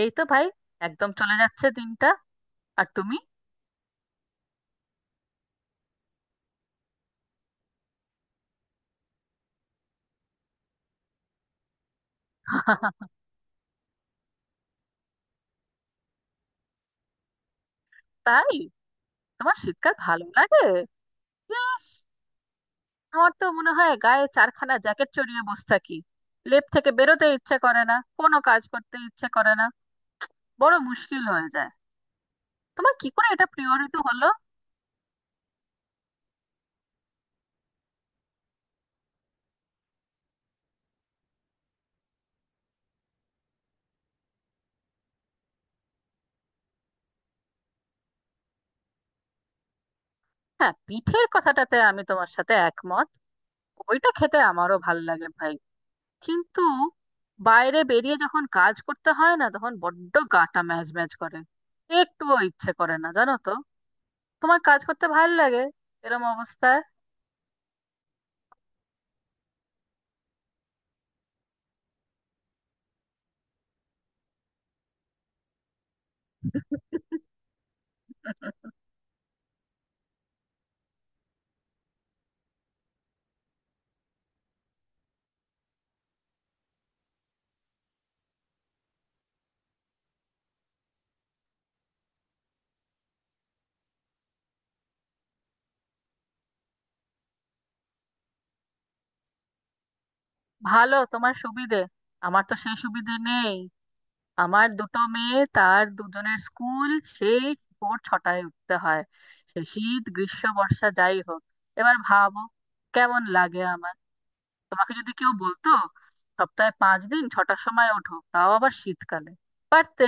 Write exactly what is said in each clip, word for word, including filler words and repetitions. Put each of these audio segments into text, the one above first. এই তো ভাই, একদম চলে যাচ্ছে দিনটা। আর তুমি? তাই? তোমার শীতকাল ভালো লাগে? ইস, আমার তো মনে হয় গায়ে চারখানা জ্যাকেট চড়িয়ে বসে থাকি। লেপ থেকে বেরোতে ইচ্ছে করে না, কোনো কাজ করতে ইচ্ছে করে না, বড় মুশকিল হয়ে যায়। তোমার কি করে এটা প্রিয় ঋতু হলো? হ্যাঁ, পিঠের কথাটাতে আমি তোমার সাথে একমত। ওইটা খেতে আমারও ভাল লাগে ভাই। কিন্তু বাইরে বেরিয়ে যখন কাজ করতে হয় না, তখন বড্ড গাটা ম্যাজ ম্যাজ করে, একটুও ইচ্ছে করে না, জানো তো। তোমার কাজ করতে ভাল লাগে এরম অবস্থায়? ভালো, তোমার সুবিধে। আমার তো সেই সুবিধে নেই। আমার দুটো মেয়ে, তার দুজনের স্কুল, সেই ভোর ছটায় উঠতে হয়, সে শীত গ্রীষ্ম বর্ষা যাই হোক। এবার ভাবো কেমন লাগে আমার। তোমাকে যদি কেউ বলতো সপ্তাহে পাঁচ দিন ছটার সময় ওঠো, তাও আবার শীতকালে, পারতে?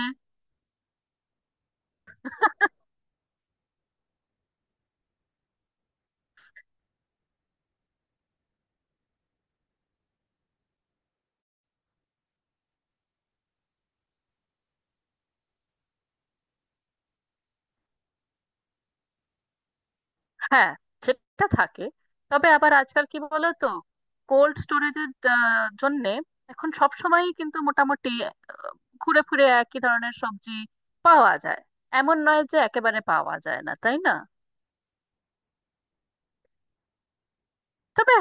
হ্যাঁ, সেটা থাকে। তবে আবার আজকাল কি বলো তো, কোল্ড স্টোরেজের জন্যে এখন সব সময়ই কিন্তু মোটামুটি ঘুরে ফিরে একই ধরনের সবজি পাওয়া যায়। এমন নয় যে একেবারে পাওয়া যায় না, তাই না? তবে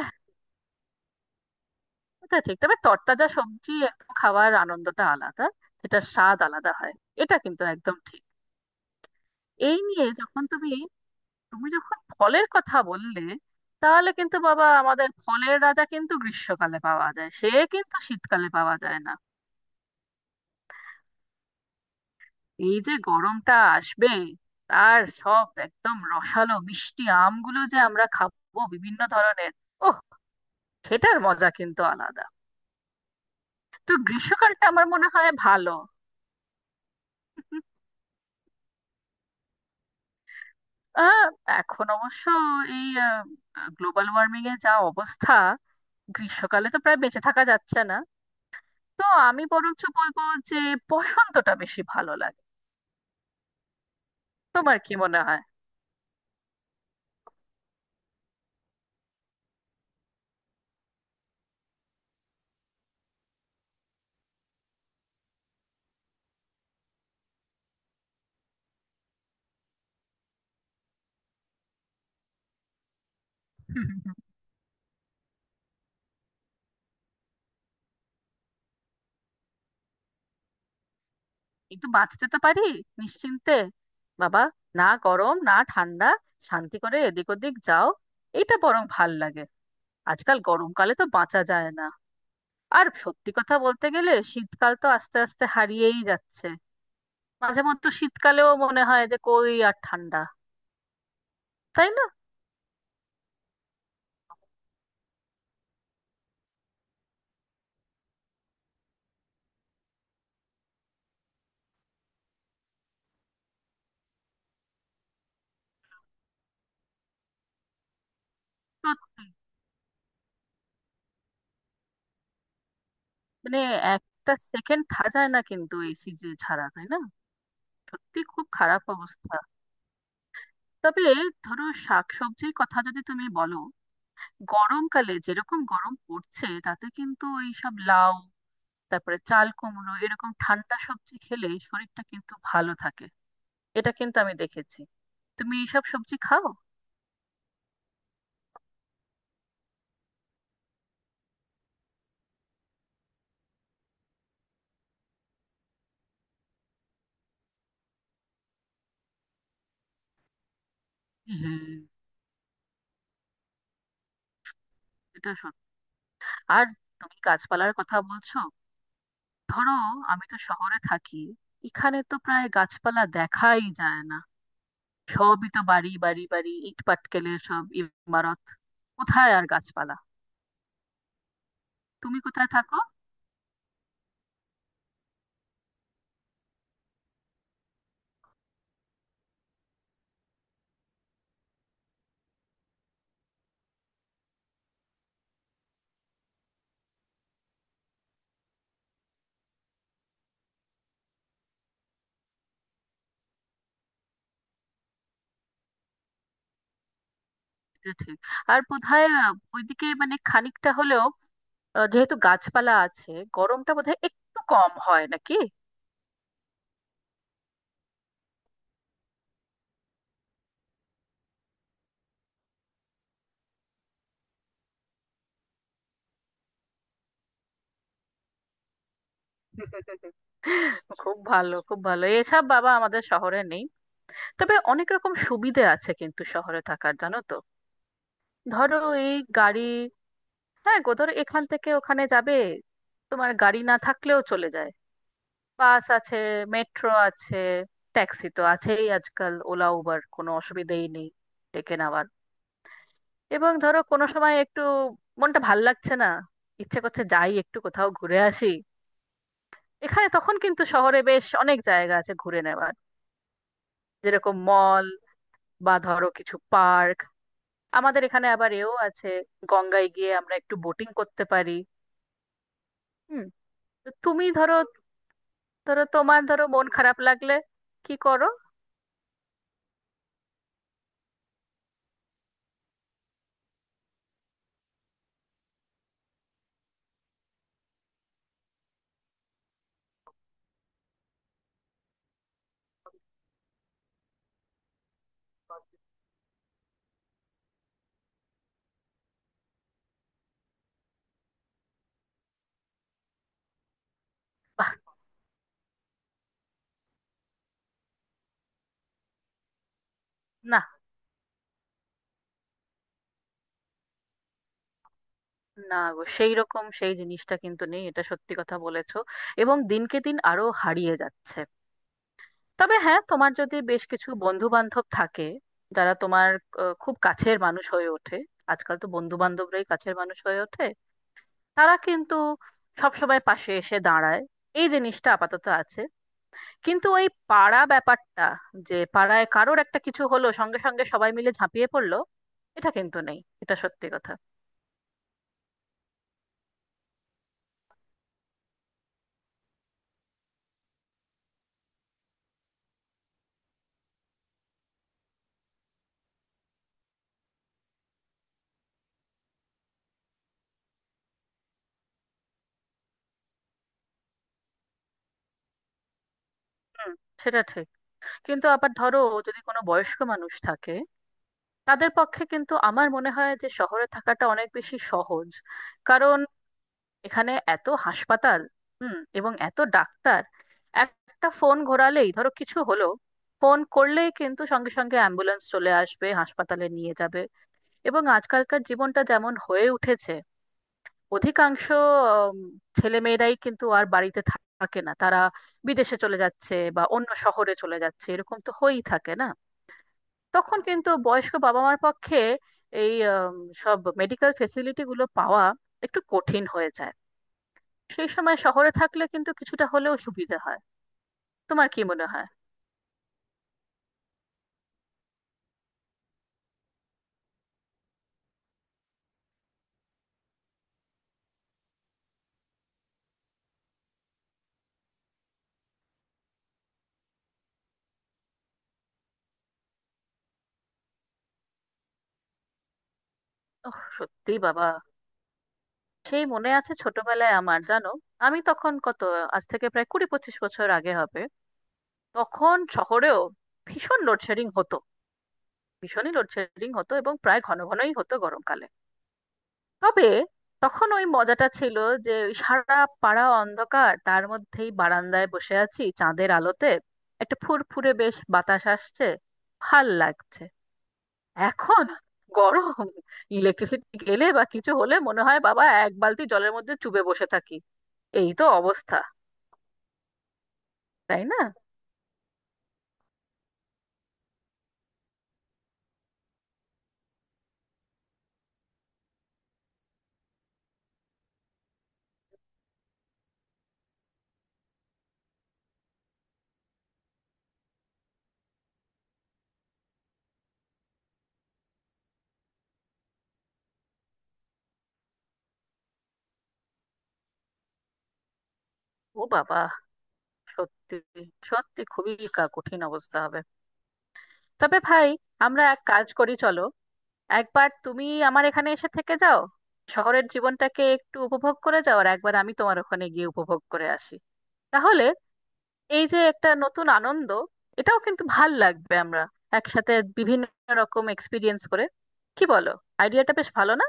এটা ঠিক, তবে তরতাজা সবজি একটু খাওয়ার আনন্দটা আলাদা, সেটার স্বাদ আলাদা হয়। এটা কিন্তু একদম ঠিক। এই নিয়ে যখন তুমি তুমি যখন ফলের কথা বললে, তাহলে কিন্তু বাবা আমাদের ফলের রাজা কিন্তু গ্রীষ্মকালে পাওয়া যায়, সে কিন্তু শীতকালে পাওয়া যায় না। এই যে গরমটা আসবে, তার সব একদম রসালো মিষ্টি আমগুলো যে আমরা খাবো বিভিন্ন ধরনের, ওহ, সেটার মজা কিন্তু আলাদা। তো গ্রীষ্মকালটা আমার মনে হয় ভালো। আহ, এখন অবশ্য এই গ্লোবাল ওয়ার্মিং এর যা অবস্থা, গ্রীষ্মকালে তো প্রায় বেঁচে থাকা যাচ্ছে না। তো আমি বরঞ্চ বলবো যে বসন্তটা বেশি ভালো লাগে। তোমার কি মনে হয়? হুম। কিন্তু বাঁচতে তো পারি নিশ্চিন্তে, বাবা। না গরম না ঠান্ডা, শান্তি করে এদিক ওদিক যাও, এটা বরং ভাল লাগে। আজকাল গরমকালে তো বাঁচা যায় না। আর সত্যি কথা বলতে গেলে শীতকাল তো আস্তে আস্তে হারিয়েই যাচ্ছে। মাঝে মধ্যে শীতকালেও মনে হয় যে কই আর ঠান্ডা। তাই না? সত্যি। মানে একটা সেকেন্ড থাকা যায় না কিন্তু এসি ছাড়া, তাই না? সত্যি খুব খারাপ অবস্থা। তবে ধরো শাকসবজির কথা যদি তুমি বলো, গরমকালে যেরকম গরম পড়ছে তাতে কিন্তু ওই সব লাউ, তারপরে চাল কুমড়ো এরকম ঠান্ডা সবজি খেলে শরীরটা কিন্তু ভালো থাকে। এটা কিন্তু আমি দেখেছি। তুমি এইসব সবজি খাও? হুম, এটা সত্যি। আর তুমি গাছপালার কথা বলছো, ধরো আমি তো শহরে থাকি, এখানে তো প্রায় গাছপালা দেখাই যায় না। সবই তো বাড়ি, বাড়ি বাড়ি ইট পাটকেলের সব ইমারত। কোথায় আর গাছপালা। তুমি কোথায় থাকো? এটা ঠিক। আর বোধহয় আহ, ওইদিকে মানে খানিকটা হলেও, আহ, যেহেতু গাছপালা আছে, গরমটা বোধহয় একটু কম হয় নাকি। খুব ভালো, খুব ভালো। এসব বাবা আমাদের শহরে নেই। তবে অনেক রকম সুবিধে আছে কিন্তু শহরে থাকার, জানো তো। ধরো এই গাড়ি, হ্যাঁ গো, ধরো এখান থেকে ওখানে যাবে, তোমার গাড়ি না থাকলেও চলে যায়। বাস আছে, মেট্রো আছে, ট্যাক্সি তো আছেই, আজকাল ওলা উবার, কোনো অসুবিধেই নেই ডেকে নেওয়ার। এবং ধরো কোনো সময় একটু মনটা ভাল লাগছে না, ইচ্ছে করছে যাই একটু কোথাও ঘুরে আসি, এখানে তখন কিন্তু শহরে বেশ অনেক জায়গা আছে ঘুরে নেওয়ার, যেরকম মল, বা ধরো কিছু পার্ক। আমাদের এখানে আবার এও আছে, গঙ্গায় গিয়ে আমরা একটু বোটিং করতে পারি। হুম। তো তুমি ধরো, ধরো তোমার, ধরো মন খারাপ লাগলে কি করো? বাহ! না না গো, সেই রকম সেই জিনিসটা কিন্তু নেই, এটা সত্যি কথা বলেছো। এবং দিনকে দিন আরো হারিয়ে যাচ্ছে। তবে হ্যাঁ, তোমার যদি বেশ কিছু বন্ধু বান্ধব থাকে যারা তোমার আহ, খুব কাছের মানুষ হয়ে ওঠে, আজকাল তো বন্ধু বান্ধবরাই কাছের মানুষ হয়ে ওঠে, তারা কিন্তু সবসময় পাশে এসে দাঁড়ায়। এই জিনিসটা আপাতত আছে। কিন্তু ওই পাড়া ব্যাপারটা, যে পাড়ায় কারোর একটা কিছু হলো সঙ্গে সঙ্গে সবাই মিলে ঝাঁপিয়ে পড়লো, এটা কিন্তু নেই। এটা সত্যি কথা। হুম, সেটা ঠিক। কিন্তু আবার ধরো, যদি কোনো বয়স্ক মানুষ থাকে, তাদের পক্ষে কিন্তু আমার মনে হয় যে শহরে থাকাটা অনেক বেশি সহজ। কারণ এখানে এত হাসপাতাল, হুম, এবং এত ডাক্তার, একটা ফোন ঘোরালেই, ধরো কিছু হলো, ফোন করলেই কিন্তু সঙ্গে সঙ্গে অ্যাম্বুলেন্স চলে আসবে, হাসপাতালে নিয়ে যাবে। এবং আজকালকার জীবনটা যেমন হয়ে উঠেছে, অধিকাংশ ছেলে মেয়েরাই কিন্তু আর বাড়িতে থা- থাকে না, তারা বিদেশে চলে যাচ্ছে বা অন্য শহরে চলে যাচ্ছে, এরকম তো হয়েই থাকে না। তখন কিন্তু বয়স্ক বাবা মার পক্ষে এই আম, সব মেডিকেল ফেসিলিটি গুলো পাওয়া একটু কঠিন হয়ে যায়। সেই সময় শহরে থাকলে কিন্তু কিছুটা হলেও সুবিধা হয়। তোমার কি মনে হয়? ওহ সত্যি বাবা। সেই মনে আছে ছোটবেলায়, আমার জানো, আমি তখন কত, আজ থেকে প্রায় কুড়ি পঁচিশ বছর আগে হবে, তখন শহরেও ভীষণ লোডশেডিং হতো। ভীষণই লোডশেডিং হতো, এবং প্রায় ঘন ঘনই হতো গরমকালে। তবে তখন ওই মজাটা ছিল যে ওই সারা পাড়া অন্ধকার, তার মধ্যেই বারান্দায় বসে আছি চাঁদের আলোতে, একটা ফুরফুরে বেশ বাতাস আসছে, ভাল লাগছে। এখন গরম, ইলেকট্রিসিটি গেলে বা কিছু হলে মনে হয় বাবা এক বালতি জলের মধ্যে চুবে বসে থাকি, এই তো অবস্থা। তাই না? ও বাবা, সত্যি, সত্যি খুবই কা- কঠিন অবস্থা হবে। তবে ভাই, আমরা এক কাজ করি, চলো, একবার তুমি আমার এখানে এসে থেকে যাও, শহরের জীবনটাকে একটু উপভোগ করে যাও, আর একবার আমি তোমার ওখানে গিয়ে উপভোগ করে আসি। তাহলে এই যে একটা নতুন আনন্দ, এটাও কিন্তু ভাল লাগবে। আমরা একসাথে বিভিন্ন রকম এক্সপিরিয়েন্স করে, কি বলো, আইডিয়াটা বেশ ভালো না?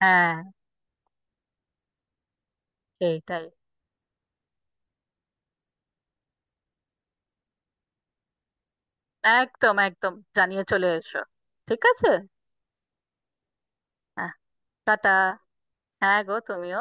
হ্যাঁ, এইটাই। একদম একদম, জানিয়ে চলে এসো। ঠিক আছে। হ্যাঁ। টাটা। হ্যাঁ গো, তুমিও।